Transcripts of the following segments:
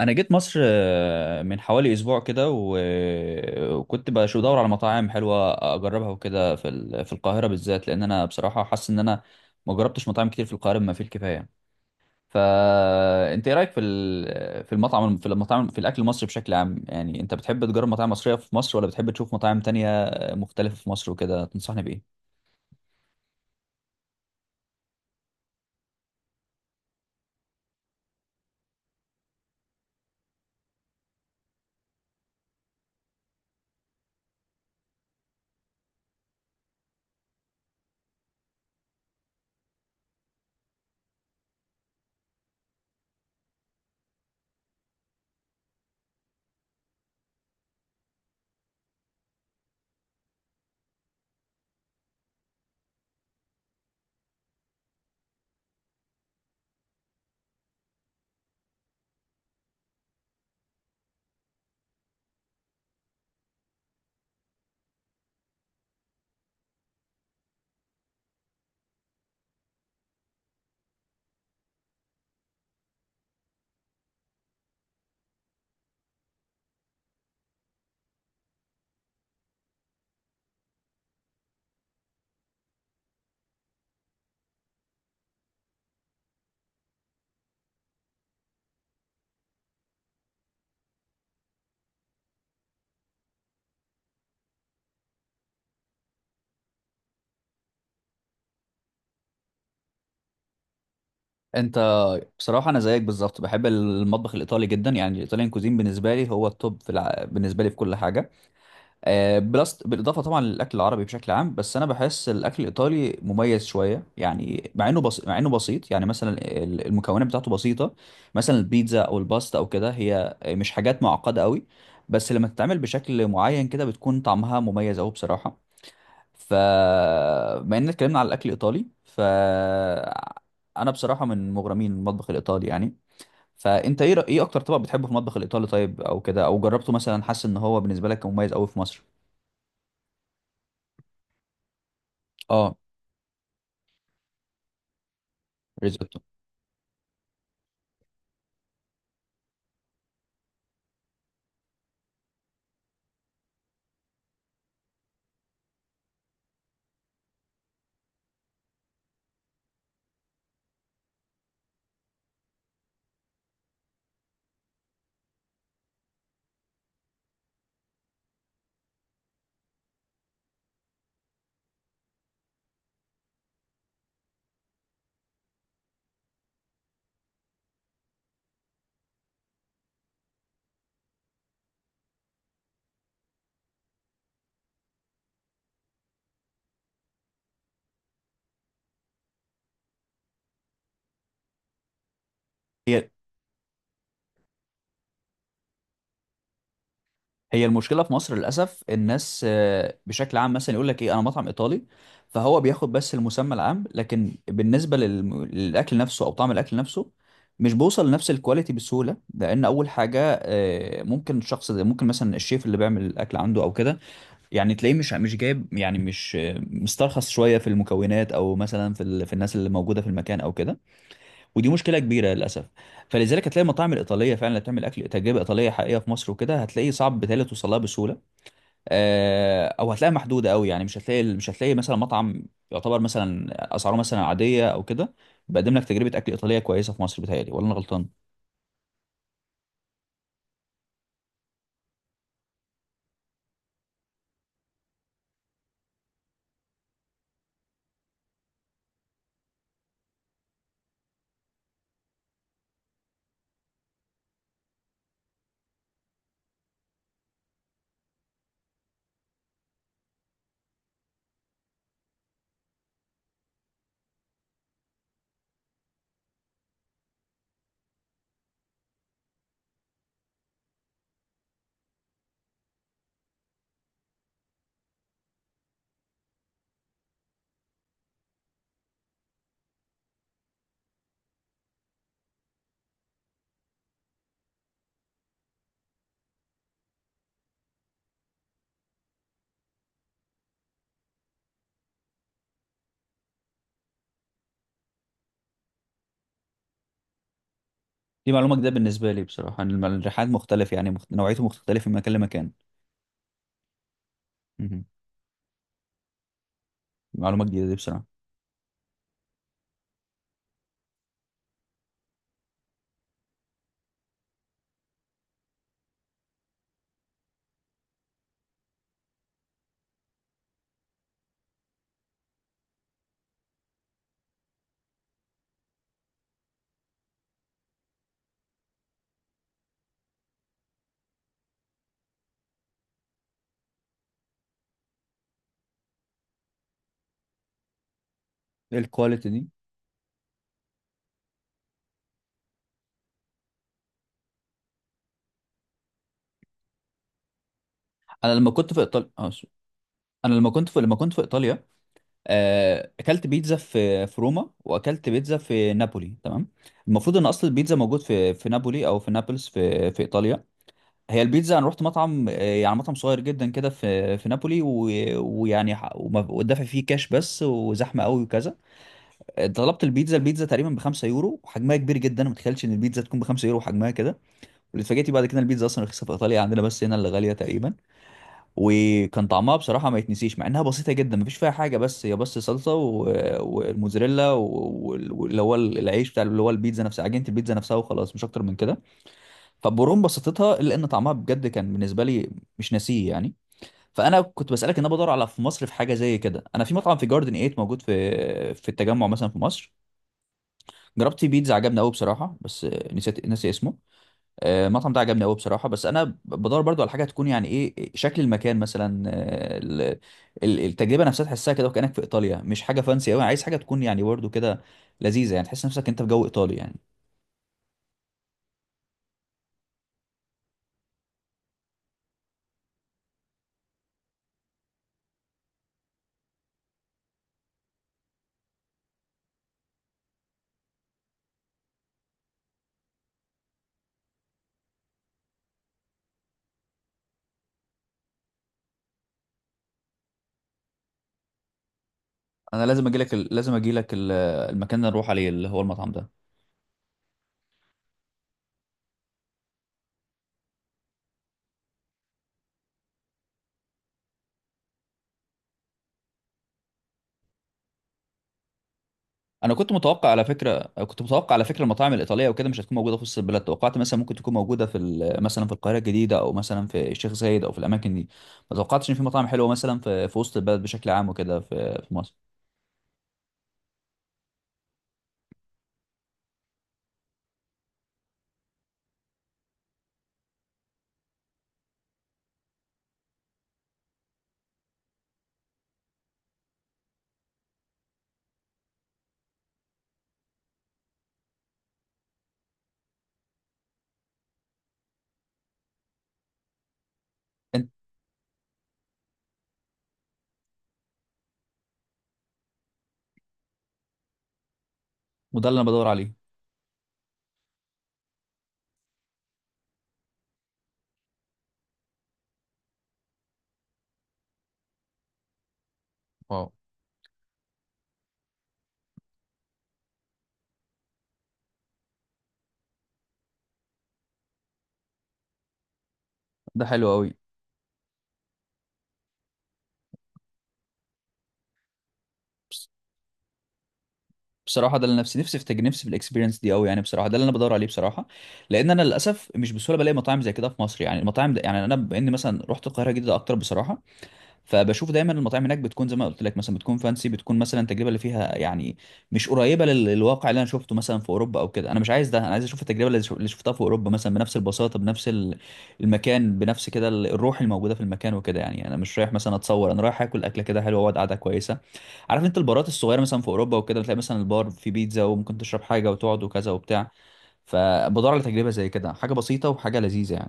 انا جيت مصر، من حوالي اسبوع كده بدور على مطاعم حلوه اجربها وكده في القاهره بالذات، لان انا بصراحه حاسس ان انا ما جربتش مطاعم كتير في القاهره بما فيه الكفايه. فانت ايه رايك في المطاعم في الاكل المصري بشكل عام؟ يعني انت بتحب تجرب مطاعم مصريه في مصر، ولا بتحب تشوف مطاعم تانية مختلفه في مصر وكده؟ تنصحني بايه؟ انت بصراحه انا زيك بالظبط، بحب المطبخ الايطالي جدا، يعني الايطاليان كوزين بالنسبه لي هو التوب بالنسبه لي في كل حاجه. بلس بالاضافه طبعا للاكل العربي بشكل عام، بس انا بحس الاكل الايطالي مميز شويه، يعني مع انه بسيط. يعني مثلا المكونات بتاعته بسيطه، مثلا البيتزا او الباستا او كده، هي مش حاجات معقده قوي، بس لما تتعمل بشكل معين كده بتكون طعمها مميز قوي بصراحه. ف بما اننا اتكلمنا على الاكل الايطالي، انا بصراحه من مغرمين المطبخ الايطالي يعني. فانت ايه اكتر طبق بتحبه في المطبخ الايطالي طيب، او كده او جربته مثلا، حاسس ان هو بالنسبه لك مميز قوي في مصر؟ اه. ريزوتو. هي. هي المشكله في مصر للاسف الناس بشكل عام مثلا يقول لك ايه انا مطعم ايطالي، فهو بياخد بس المسمى العام، لكن بالنسبه للاكل نفسه او طعم الاكل نفسه مش بوصل لنفس الكواليتي بسهوله. لان اول حاجه، ممكن الشخص ده، ممكن مثلا الشيف اللي بيعمل الاكل عنده او كده، يعني تلاقيه مش جايب، يعني مش مسترخص شويه في المكونات، او مثلا في الناس اللي موجوده في المكان او كده، ودي مشكله كبيره للاسف. فلذلك هتلاقي المطاعم الايطاليه فعلا اللي بتعمل اكل تجربه ايطاليه حقيقيه في مصر وكده، هتلاقيه صعب بالتالي توصلها بسهوله. او هتلاقيها محدوده قوي، يعني مش هتلاقي مثلا مطعم يعتبر مثلا اسعاره مثلا عاديه او كده بيقدم لك تجربه اكل ايطاليه كويسه في مصر. بتهيألي، ولا انا غلطان؟ دي معلومه جديده بالنسبه لي بصراحه، ان الرحلات مختلفه، يعني نوعيته مختلفه من مكان لمكان. مهم. معلومه جديده دي بصراحه. ايه الكواليتي دي! انا لما كنت في ايطاليا، انا لما كنت في لما كنت في ايطاليا، اكلت بيتزا في في روما، واكلت بيتزا في نابولي، تمام؟ المفروض ان اصل البيتزا موجود في في نابولي، او في نابلس في في ايطاليا. هي البيتزا، انا رحت مطعم، يعني مطعم صغير جدا كده في في نابولي، ودافع فيه كاش بس، وزحمه قوي وكذا. طلبت البيتزا، البيتزا تقريبا ب 5 يورو وحجمها كبير جدا، ما متخيلش ان البيتزا تكون ب 5 يورو وحجمها كده. واللي اتفاجئت بعد كده، البيتزا اصلا رخيصه في ايطاليا عندنا، بس هنا اللي غاليه تقريبا. وكان طعمها بصراحة ما يتنسيش، مع انها بسيطة جدا مفيش فيها حاجة، بس هي بس صلصة والموزاريلا واللي هو العيش بتاع، اللي هو البيتزا نفسها، عجينة البيتزا نفسها، وخلاص مش اكتر من كده. فبرغم بساطتها الا ان طعمها بجد كان بالنسبة لي مش ناسيه يعني. فانا كنت بسألك، ان انا بدور على في مصر في حاجة زي كده. انا في مطعم في جاردن 8 موجود في في التجمع مثلا في مصر، جربت فيه بيتزا عجبني قوي بصراحة، بس نسيت، ناسي اسمه. المطعم ده عجبني قوي بصراحه، بس انا بدور برضو على حاجه تكون يعني ايه شكل المكان مثلا، التجربه نفسها تحسها كده وكانك في ايطاليا. مش حاجه فانسي قوي، عايز حاجه تكون يعني برضو كده لذيذه، يعني تحس نفسك انت في جو ايطالي يعني. انا لازم اجي لك، لازم اجي لك المكان اللي نروح عليه اللي هو المطعم ده. انا كنت متوقع على فكره، كنت متوقع على فكره المطاعم الايطاليه وكده مش هتكون موجوده في وسط البلد، توقعت مثلا ممكن تكون موجوده مثلا في القاهره الجديده، او مثلا في الشيخ زايد، او في الاماكن دي. ما توقعتش ان في مطاعم حلوه مثلا في في وسط البلد بشكل عام وكده في في مصر. انت. وده اللي انا بدور عليه. واو. ده حلو قوي. بس- بصراحه ده اللي نفسي، نفسي في الاكسبيرينس دي قوي، يعني بصراحه ده اللي انا بدور عليه بصراحه. لان انا للاسف مش بسهوله بلاقي مطاعم زي كده في مصر، يعني المطاعم ده، يعني انا بما اني مثلا رحت القاهره جدا اكتر بصراحه، فبشوف دايما المطاعم هناك بتكون زي ما قلت لك، مثلا بتكون فانسي، بتكون مثلا التجربه اللي فيها يعني مش قريبه للواقع اللي انا شفته مثلا في اوروبا او كده. انا مش عايز ده، انا عايز اشوف التجربه اللي شفتها في اوروبا مثلا، بنفس البساطه، المكان، بنفس كده الروح الموجوده في المكان وكده يعني. يعني انا مش رايح مثلا اتصور، انا رايح اكل اكله كده حلوه واقعد قعده كويسه. عارف انت البارات الصغيره مثلا في اوروبا وكده، بتلاقي مثلا البار في بيتزا، وممكن تشرب حاجه وتقعد وكذا وبتاع. فبدور على تجربه زي كده، حاجه بسيطه وحاجه لذيذه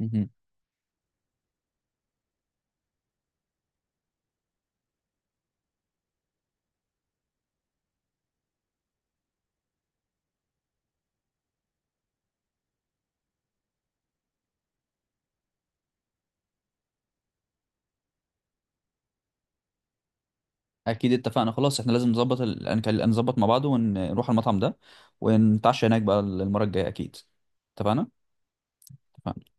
يعني. اكيد اتفقنا خلاص، احنا لازم نظبط نظبط مع بعض ونروح المطعم ده ونتعشى هناك بقى المرة الجاية اكيد. اتفقنا. اتفقنا.